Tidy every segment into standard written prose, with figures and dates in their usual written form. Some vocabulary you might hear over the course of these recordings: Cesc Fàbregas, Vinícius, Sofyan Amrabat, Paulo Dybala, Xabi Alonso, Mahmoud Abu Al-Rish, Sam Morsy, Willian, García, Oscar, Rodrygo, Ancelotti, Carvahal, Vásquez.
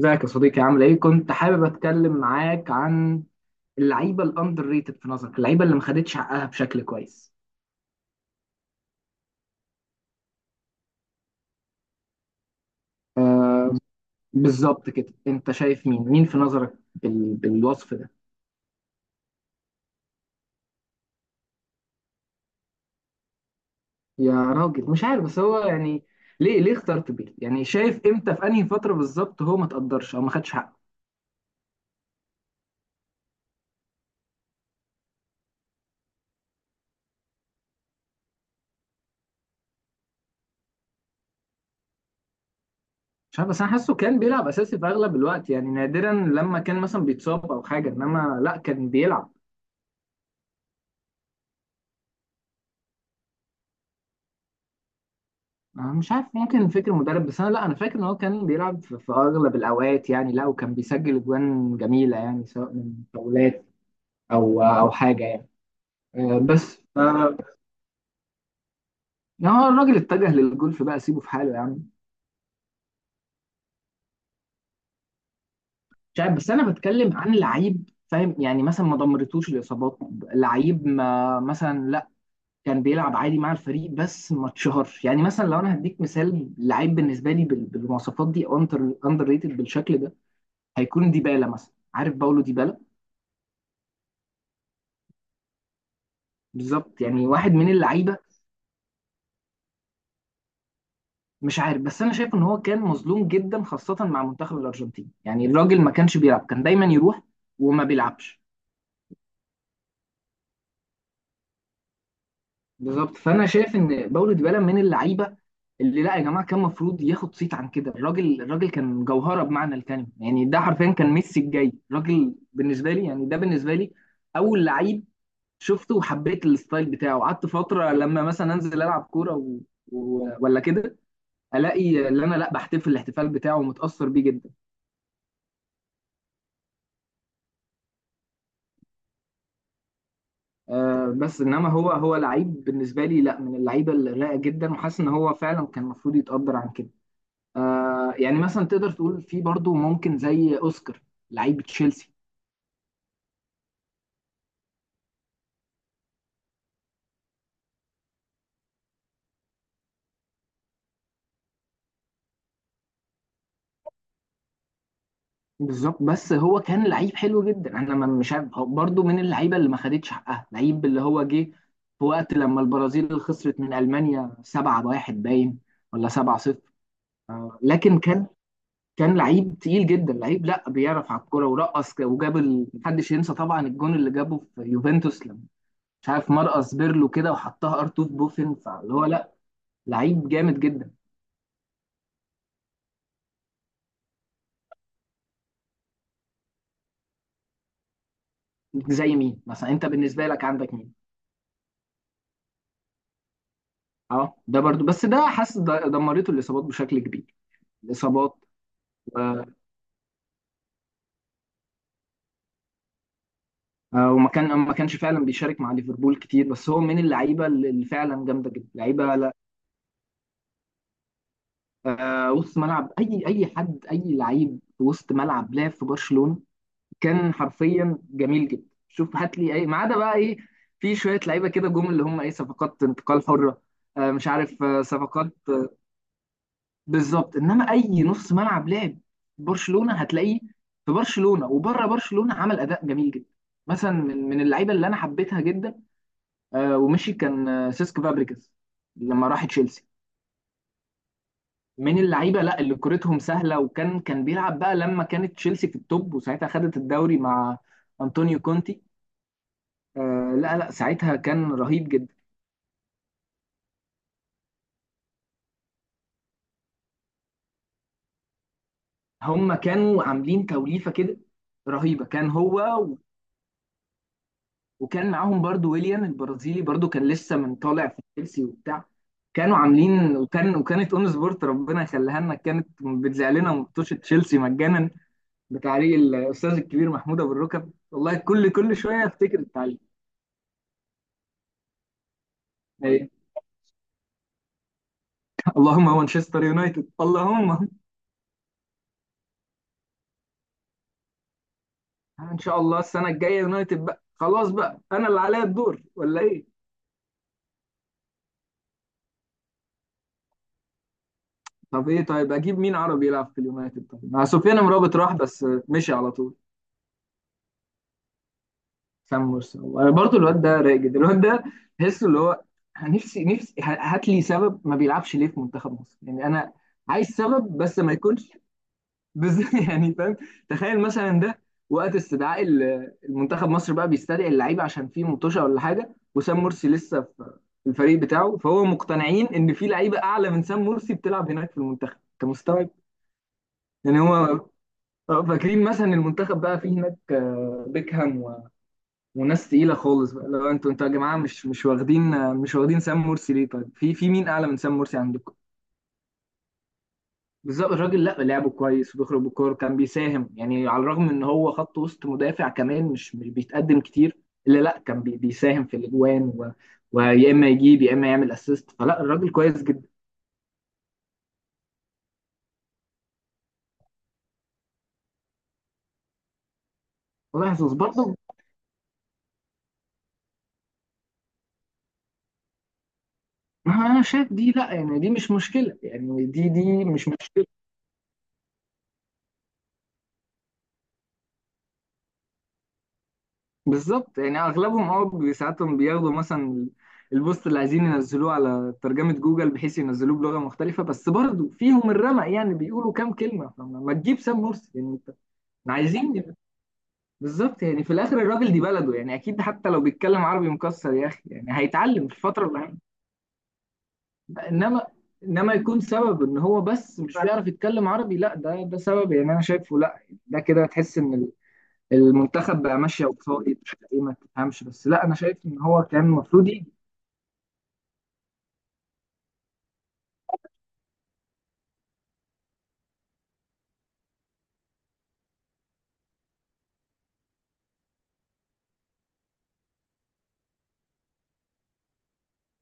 ازيك يا صديقي عامل ايه؟ كنت حابب اتكلم معاك عن اللعيبه الاندر ريتد في نظرك، اللعيبه اللي ما خدتش حقها بشكل كويس. آه بالظبط كده، انت شايف مين؟ مين في نظرك بالوصف ده؟ يا راجل مش عارف بس هو يعني ليه اخترت بيه؟ يعني شايف امتى في انهي فتره بالظبط هو ما تقدرش او ما خدش حقه؟ مش عارف بس انا حاسه كان بيلعب اساسي في اغلب الوقت، يعني نادرا لما كان مثلا بيتصاب او حاجه، انما لا كان بيلعب. أنا مش عارف، ممكن فكر مدرب، بس انا لا انا فاكر ان هو كان بيلعب في اغلب الاوقات، يعني لا وكان بيسجل اجوان جميله يعني سواء من فاولات او حاجه يعني. آه، بس ف يعني هو الراجل اتجه للجولف بقى، سيبه في حاله يا عم. مش عارف بس انا بتكلم عن لعيب فاهم، يعني مثلا ما دمرتوش الاصابات، لعيب ما مثلا لا، كان بيلعب عادي مع الفريق بس ما اتشهرش. يعني مثلا لو انا هديك مثال لعيب بالنسبه لي بالمواصفات دي، اندر ريتد بالشكل ده، هيكون ديبالا مثلا، عارف باولو ديبالا؟ بالظبط، يعني واحد من اللعيبه. مش عارف بس انا شايف ان هو كان مظلوم جدا خاصه مع منتخب الارجنتين، يعني الراجل ما كانش بيلعب، كان دايما يروح وما بيلعبش. بالظبط، فانا شايف ان باولو ديبالا من اللعيبه اللي لا يا جماعه كان المفروض ياخد صيت عن كده، الراجل كان جوهره بمعنى الكلمه، يعني ده حرفيا كان ميسي الجاي الراجل بالنسبه لي، يعني ده بالنسبه لي اول لعيب شفته وحبيت الستايل بتاعه. قعدت فتره لما مثلا انزل العب كوره ولا كده الاقي اللي انا لا بحتفل الاحتفال بتاعه ومتاثر بيه جدا. أه بس انما هو لعيب بالنسبه لي لا من اللعيبه الرايقه جدا، وحاسس ان هو فعلا كان المفروض يتقدر عن كده. أه يعني مثلا تقدر تقول في برضه ممكن زي اوسكار، لعيب تشيلسي. بالظبط، بس هو كان لعيب حلو جدا. انا مش عارف هو برضه من اللعيبه اللي ما خدتش حقها، لعيب اللي هو جه في وقت لما البرازيل خسرت من المانيا 7-1، باين ولا 7-0. أه لكن كان لعيب تقيل جدا، لعيب لا بيعرف على الكوره ورقص وجاب محدش ينسى طبعا الجون اللي جابه في يوفنتوس لما مش عارف مرقص بيرلو كده وحطها ار2 في بوفن، فاللي هو لا لعيب جامد جدا. زي مين مثلا انت بالنسبه لك عندك مين؟ اه ده برضو، بس ده حاسس دمرته الاصابات بشكل كبير، الاصابات. و... آه، وما كان ما كانش فعلا بيشارك مع ليفربول كتير، بس هو من اللعيبه اللي فعلا جامده جدا، لعيبه لا وسط ملعب. اي اي حد اي لعيب في وسط ملعب لعب في برشلونه كان حرفيا جميل جدا. شوف هات لي اي ما عدا بقى ايه، في شويه لعيبه كده جم اللي هم ايه صفقات انتقال حره. آه، مش عارف آه، صفقات آه، بالظبط، انما اي نص ملعب لعب برشلونه هتلاقيه في برشلونه وبره برشلونه عمل اداء جميل جدا. مثلا من اللعيبه اللي انا حبيتها جدا، آه، ومشي كان آه، سيسك فابريكاس لما راح تشيلسي، من اللعيبه لا اللي كورتهم سهله، وكان بيلعب بقى لما كانت تشيلسي في التوب، وساعتها خدت الدوري مع انطونيو كونتي. آه لا لا، ساعتها كان رهيب جدا. هم كانوا عاملين توليفة كده رهيبة، كان هو و- وكان معاهم برضو ويليان البرازيلي، برضو كان لسه من طالع في تشيلسي وبتاع. كانوا عاملين، وكانت اون سبورت ربنا يخليها لنا كانت بتذاع لنا مطوشة تشيلسي مجانا بتعليق الاستاذ الكبير محمود ابو الركب، والله كل شويه افتكر التعليق. أي. اللهم مانشستر يونايتد اللهم ان شاء الله السنه الجايه يونايتد بقى، خلاص بقى انا اللي عليا الدور ولا ايه؟ طب ايه طيب، اجيب مين عربي يلعب في اليونايتد؟ طيب مع سفيان مرابط راح بس مشي على طول. سام مرسي انا برضو الواد ده رايق جدا، الواد ده تحسه اللي هو نفسي هات لي سبب ما بيلعبش ليه في منتخب مصر، يعني انا عايز سبب بس ما يكونش بس. يعني فاهم؟ تخيل مثلا ده وقت استدعاء المنتخب مصر بقى بيستدعي اللعيبه عشان في مطوشه ولا حاجه، وسام مرسي لسه في في الفريق بتاعه، فهو مقتنعين ان في لعيبه اعلى من سام مرسي بتلعب هناك في المنتخب، انت مستوعب؟ يعني هو آه، فاكرين مثلا المنتخب بقى فيه هناك آه، بيكهام و- وناس تقيله خالص بقى، لو انتوا يا جماعه مش واخدين آه، مش واخدين سام مرسي ليه، طيب في مين اعلى من سام مرسي عندكم؟ بالظبط، الراجل لا لعبه كويس وبيخرج بالكوره، كان بيساهم يعني على الرغم ان هو خط وسط مدافع كمان مش بيتقدم كتير، الا لا كان بيساهم في الاجوان و- ويا اما يجيب يا اما يعمل اسيست، فلا الراجل كويس جدا. والله يا حظوظ برضه. ما انا شايف دي لا يعني دي مش مشكله، يعني دي مش. بالظبط يعني اغلبهم اه ساعاتهم بياخدوا مثلا البوست اللي عايزين ينزلوه على ترجمة جوجل بحيث ينزلوه بلغة مختلفة، بس برضه فيهم الرمق يعني بيقولوا كام كلمة. فما ما تجيب سام مرسي يعني انت، إحنا عايزين. بالظبط يعني في الاخر الراجل دي بلده، يعني اكيد حتى لو بيتكلم عربي مكسر يا اخي يعني هيتعلم في الفترة انما يكون سبب ان هو بس مش بيعرف يتكلم عربي، لا ده سبب يعني انا شايفه لا. ده كده تحس ان المنتخب بقى ماشيه وفاقد ايه، ما تفهمش، بس لا انا شايف ان هو كان المفروض يجي.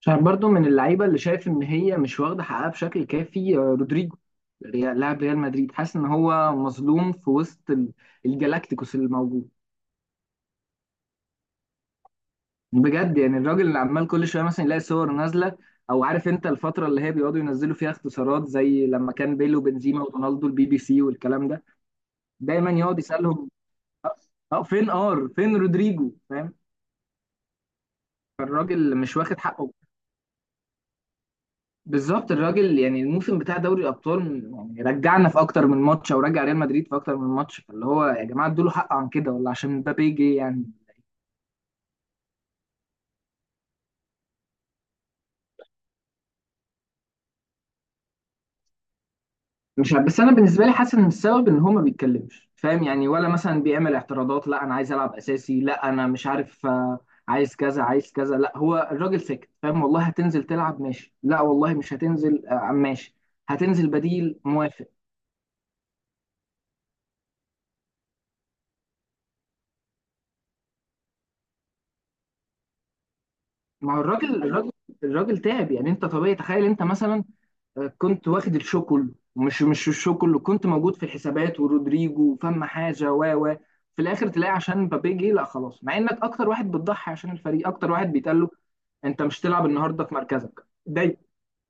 عشان برضو من اللعيبه اللي شايف ان هي مش واخده حقها بشكل كافي، آه، رودريجو، لاعب ريال مدريد، حاسس ان هو مظلوم في وسط الجلاكتيكوس اللي موجود. بجد يعني الراجل اللي عمال كل شويه مثلا يلاقي صور نازله، او عارف انت الفتره اللي هي بيقعدوا ينزلوا فيها اختصارات زي لما كان بيل وبنزيما ورونالدو البي بي سي والكلام ده، دايما يقعد يسالهم اه فين ار فين رودريجو، فاهم؟ فالراجل مش واخد حقه. بالظبط الراجل، يعني الموسم بتاع دوري الابطال يعني رجعنا في اكتر من ماتش او رجع ريال مدريد في اكتر من ماتش، فاللي هو يا جماعه ادوا له حق عن كده، ولا عشان مبابي جه يعني. مش عارف بس انا بالنسبه لي حاسس ان السبب ان هو ما بيتكلمش، فاهم يعني، ولا مثلا بيعمل اعتراضات لا انا عايز العب اساسي لا انا مش عارف آه، عايز كذا عايز كذا، لا هو الراجل ساكت فاهم، والله هتنزل تلعب ماشي، لا والله مش هتنزل آه، ماشي، هتنزل بديل موافق. ما هو الراجل الراجل تعب. يعني انت طبيعي تخيل انت مثلا كنت واخد الشو كله، مش الشو كله كنت موجود في الحسابات ورودريجو وفم حاجه و و في الاخر تلاقي عشان مبابي جه لا خلاص، مع انك اكتر واحد بتضحي عشان الفريق، اكتر واحد بيتقال له انت مش تلعب النهارده في مركزك ده،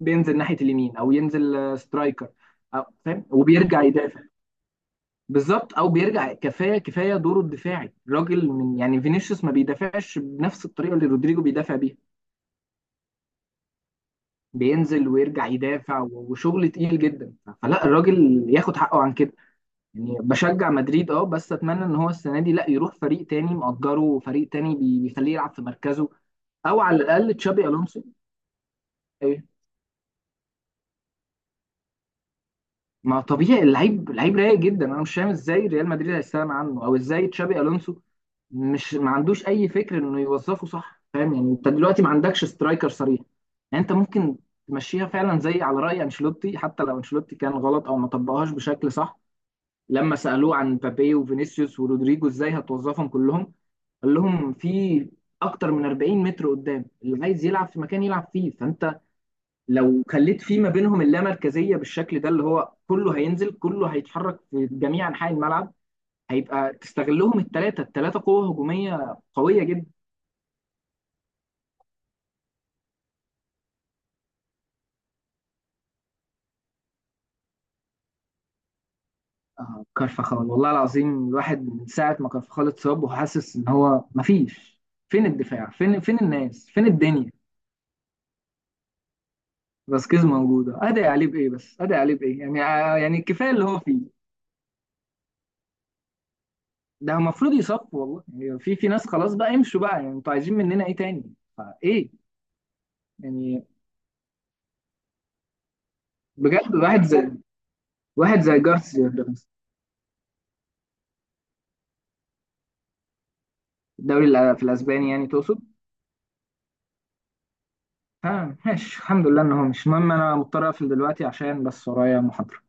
بينزل ناحيه اليمين او ينزل آه، سترايكر، أو فاهم وبيرجع يدافع. بالظبط او بيرجع كفايه دوره الدفاعي الراجل، من يعني فينيسيوس ما بيدافعش بنفس الطريقه اللي رودريجو بيدافع بيها، بينزل ويرجع يدافع و- وشغل تقيل جدا، فلا الراجل ياخد حقه عن كده. يعني بشجع مدريد اه بس اتمنى ان هو السنه دي لا يروح فريق تاني مأجره، فريق تاني بيخليه يلعب في مركزه، او على الاقل تشابي الونسو. ايه ما طبيعي، اللعيب لعيب رايق جدا، انا مش فاهم ازاي ريال مدريد هيستغنى عنه، او ازاي تشابي الونسو مش ما عندوش اي فكر انه يوظفه صح، فاهم يعني؟ انت دلوقتي ما عندكش سترايكر صريح، يعني انت ممكن تمشيها فعلا زي على رأي انشيلوتي، حتى لو انشيلوتي كان غلط او ما طبقهاش بشكل صح. لما سألوه عن مبابي وفينيسيوس ورودريجو ازاي هتوظفهم كلهم، قال لهم في اكتر من 40 متر قدام، اللي عايز يلعب في مكان يلعب فيه. فانت لو خليت فيه ما بينهم اللامركزيه بالشكل ده اللي هو كله هينزل كله هيتحرك في جميع انحاء الملعب، هيبقى تستغلهم الثلاثه قوه هجوميه قويه جدا. آه، كارفخال، والله العظيم الواحد من ساعه ما كارفخال اتصاب وحاسس ان هو مفيش، فين الدفاع فين الناس فين الدنيا. فاسكيز موجوده، ادعي عليه بايه؟ بس ادعي عليه بايه يعني آه، يعني الكفايه اللي هو فيه. ده المفروض يصف، والله يعني في ناس خلاص بقى يمشوا بقى، يعني انتوا عايزين مننا ايه تاني فايه يعني. بجد واحد زي واحد زي جارسيا ده مثلا. الدوري في الاسباني يعني تقصد؟ ها ماشي الحمد لله ان هو مش المهم، انا مضطر اقفل دلوقتي عشان بس ورايا محاضره.